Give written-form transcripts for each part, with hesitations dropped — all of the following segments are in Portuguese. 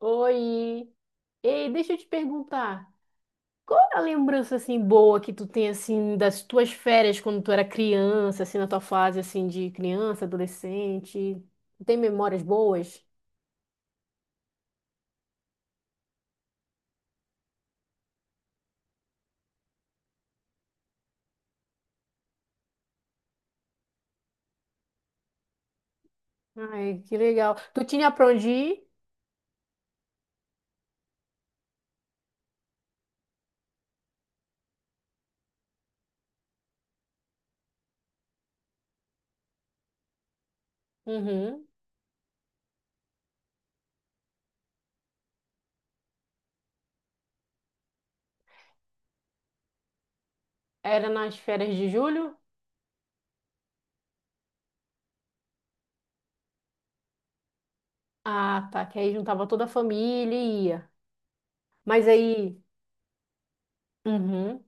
Oi. Ei, deixa eu te perguntar, qual é a lembrança boa que tu tem das tuas férias quando tu era criança, assim na tua fase de criança, adolescente? Tu tem memórias boas? Ai, que legal. Tu tinha pra onde ir? Uhum. Era nas férias de julho? Ah, tá, que aí juntava toda a família e ia. Mas aí, uhum,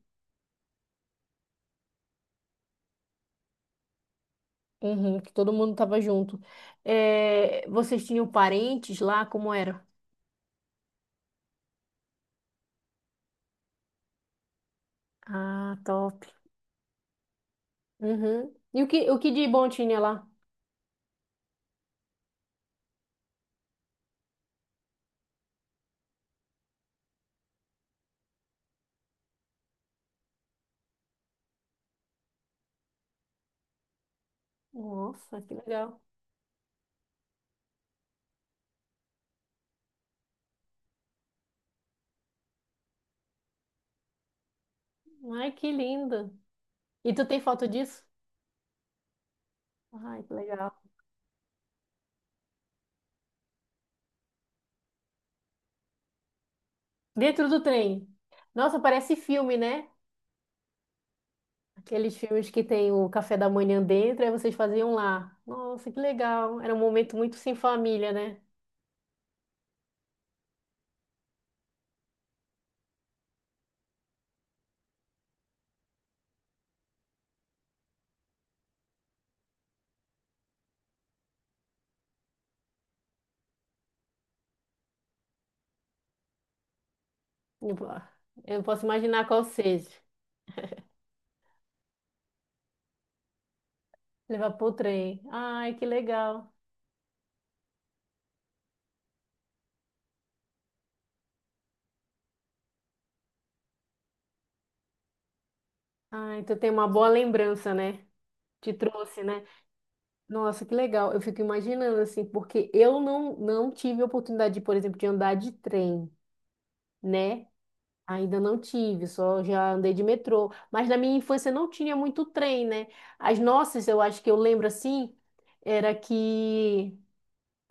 uhum, que todo mundo tava junto. É, vocês tinham parentes lá, como era? Ah, top. Uhum. E o que de bom tinha lá? Nossa, que legal. Ai, que linda. E tu tem foto disso? Ai, que legal. Dentro do trem. Nossa, parece filme, né? Aqueles filmes que tem o café da manhã dentro, aí vocês faziam lá. Nossa, que legal. Era um momento muito sem família, né? Eu po- eu não posso imaginar qual seja. Levar pro trem. Ai, que legal. Ai, tu tem uma boa lembrança, né? Te trouxe, né? Nossa, que legal. Eu fico imaginando assim, porque eu não, não tive a oportunidade, por exemplo, de andar de trem, né? Ainda não tive, só já andei de metrô. Mas na minha infância não tinha muito trem, né? As nossas, eu acho que eu lembro assim, era que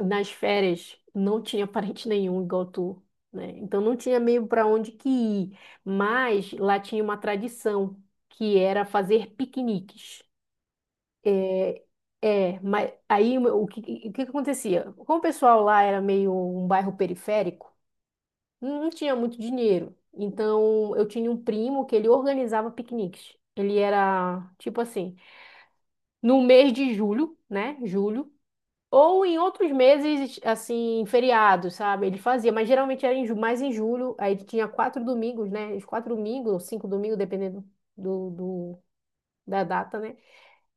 nas férias não tinha parente nenhum igual tu, né? Então não tinha meio para onde que ir. Mas lá tinha uma tradição, que era fazer piqueniques. É, mas o que, o que acontecia? Como o pessoal lá era meio um bairro periférico, não tinha muito dinheiro. Então eu tinha um primo que ele organizava piqueniques. Ele era tipo assim, no mês de julho, né? Julho, ou em outros meses, assim, feriados, sabe? Ele fazia, mas geralmente era mais em julho. Aí tinha quatro domingos, né? Os quatro domingos, ou cinco domingos, dependendo do, do- da data, né?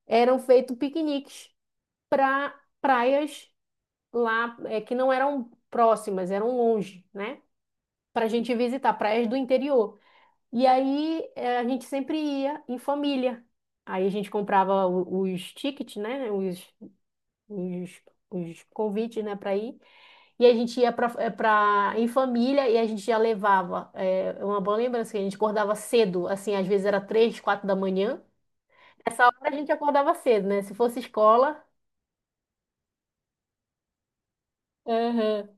Eram feitos piqueniques para praias que não eram próximas, eram longe, né? Para a gente visitar praias do interior. E aí a gente sempre ia em família. Aí a gente comprava os tickets, né? Os, os convites, né? Para ir. E a gente ia para em família e a gente já levava. É uma boa lembrança que a gente acordava cedo, assim, às vezes era três, quatro da manhã. Nessa hora a gente acordava cedo, né? Se fosse escola. Aham.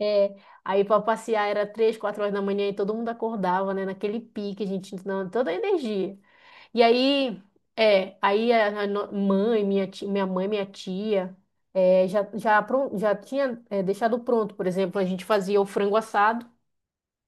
É, aí para passear era três, quatro horas da manhã e todo mundo acordava, né? Naquele pique, a gente não, toda a energia. E aí, aí a no- mãe, minha ti- minha mãe, minha tia, já tinha deixado pronto, por exemplo. A gente fazia o frango assado.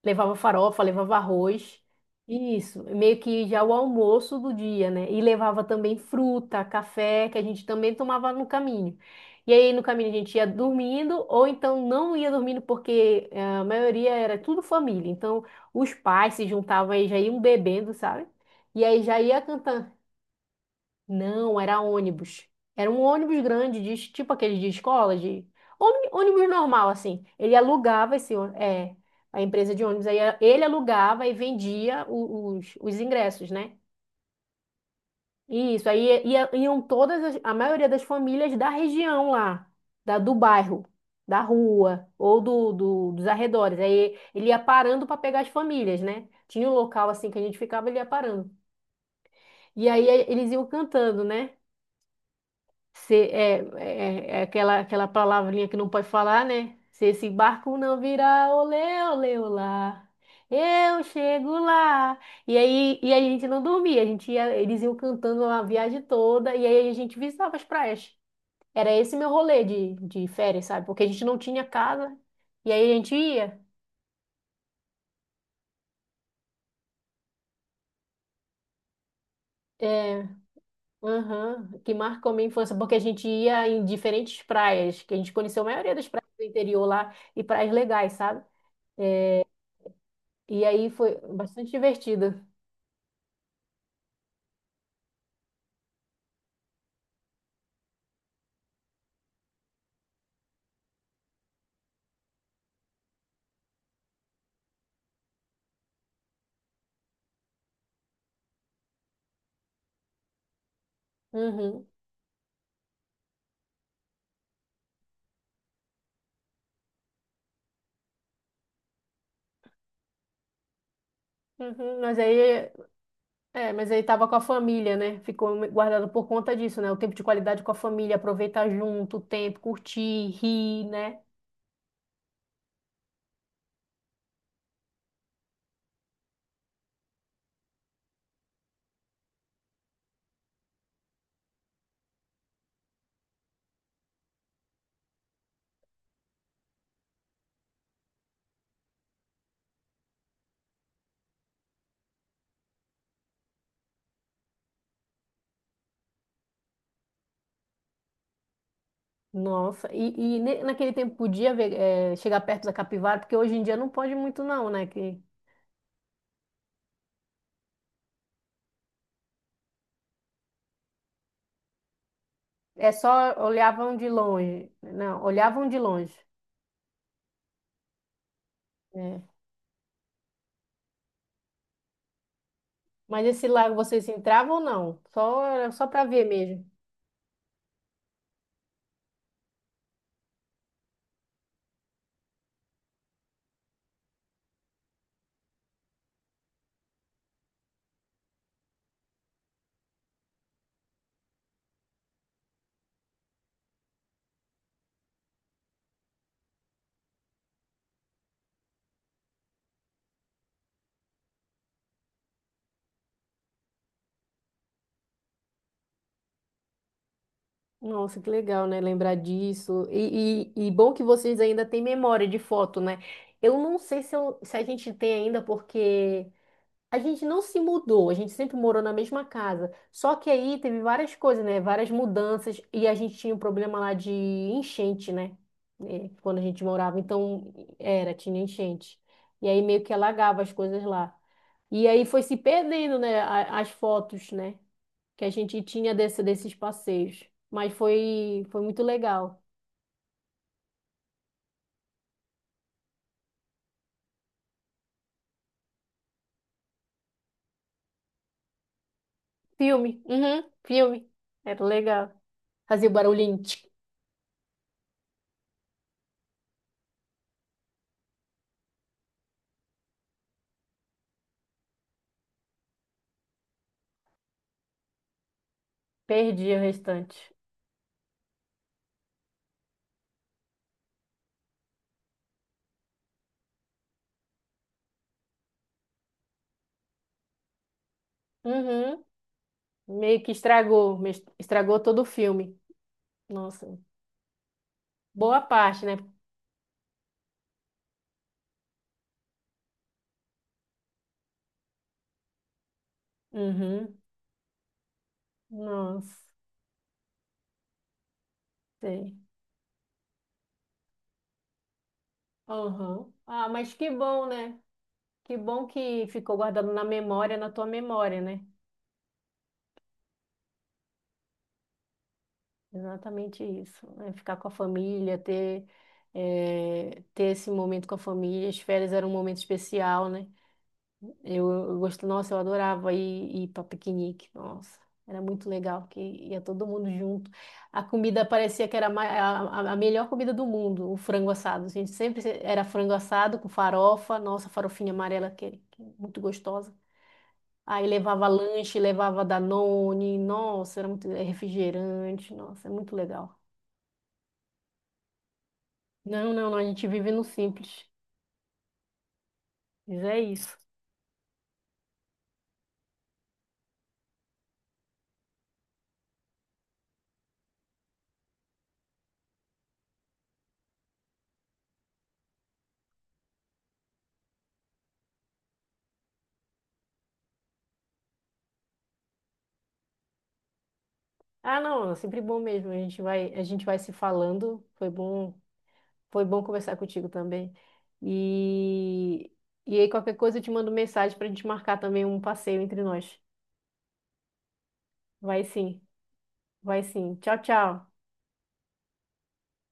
Levava farofa, levava arroz. Isso, meio que já o almoço do dia, né? E levava também fruta, café, que a gente também tomava no caminho. E aí no caminho a gente ia dormindo, ou então não ia dormindo, porque a maioria era tudo família. Então os pais se juntavam e já iam bebendo, sabe? E aí já ia cantando, não, era ônibus. Era um ônibus grande, de, tipo aqueles de escola, de ônibus normal, assim. Ele alugava a empresa de ônibus. Aí ele alugava e vendia os ingressos, né? Isso, aí iam todas, a maioria das famílias da região lá, do bairro, da rua, ou dos arredores. Aí ele ia parando para pegar as famílias, né? Tinha um local assim que a gente ficava, ele ia parando. E aí eles iam cantando, né? É aquela, aquela palavrinha que não pode falar, né? Se esse barco não virar, olê, olê, olá, eu chego lá. E aí a gente não dormia, a gente ia, eles iam cantando a viagem toda, e aí a gente visitava as praias. Era esse meu rolê de férias, sabe? Porque a gente não tinha casa, e aí a gente ia. É, aham, que marcou minha infância, porque a gente ia em diferentes praias, que a gente conheceu a maioria das praias do interior lá, e praias legais, sabe? E aí foi bastante divertido. Uhum, uhum. Mas aí, mas aí tava com a família, né? Ficou guardado por conta disso, né? O tempo de qualidade com a família, aproveitar junto o tempo, curtir, rir, né? Nossa, naquele tempo podia ver, é, chegar perto da capivara, porque hoje em dia não pode muito não, né? Que é só olhavam de longe, né? Não, olhavam de longe, né? Mas esse lago vocês entravam ou não? Só, era só para ver mesmo. Nossa, que legal, né? Lembrar disso. E bom que vocês ainda têm memória de foto, né? Eu não sei se a gente tem ainda, porque a gente não se mudou, a gente sempre morou na mesma casa. Só que aí teve várias coisas, né? Várias mudanças, e a gente tinha um problema lá de enchente, né? É, quando a gente morava. Então, era, tinha enchente. E aí meio que alagava as coisas lá. E aí foi se perdendo, né? As fotos, né? que a gente tinha desses passeios. Mas foi, foi muito legal. Filme, uhum, filme. Era legal. Fazia o barulhinho, tch. Perdi o restante. Uhum. Meio que estragou todo o filme. Nossa, boa parte, né? Uhum. Nossa, sei. Aham. Ah, mas que bom, né? Que bom que ficou guardado na memória, na tua memória, né? Exatamente isso, né? Ficar com a família, ter, ter esse momento com a família. As férias eram um momento especial, né? Eu gosto, nossa, eu adorava ir para piquenique, nossa, era muito legal, que ia todo mundo junto. A comida parecia que era a, ma- a melhor comida do mundo, o frango assado. A gente sempre era frango assado com farofa, nossa, farofinha amarela, que é muito gostosa. Aí levava lanche, levava Danone, nossa, era muito é refrigerante, nossa, é muito legal. Não, a gente vive no simples. Mas é isso. Ah, não, é sempre bom mesmo. A gente vai se falando. Foi bom conversar contigo também. E, e aí qualquer coisa eu te mando mensagem para a gente marcar também um passeio entre nós. Vai sim, vai sim. Tchau, tchau.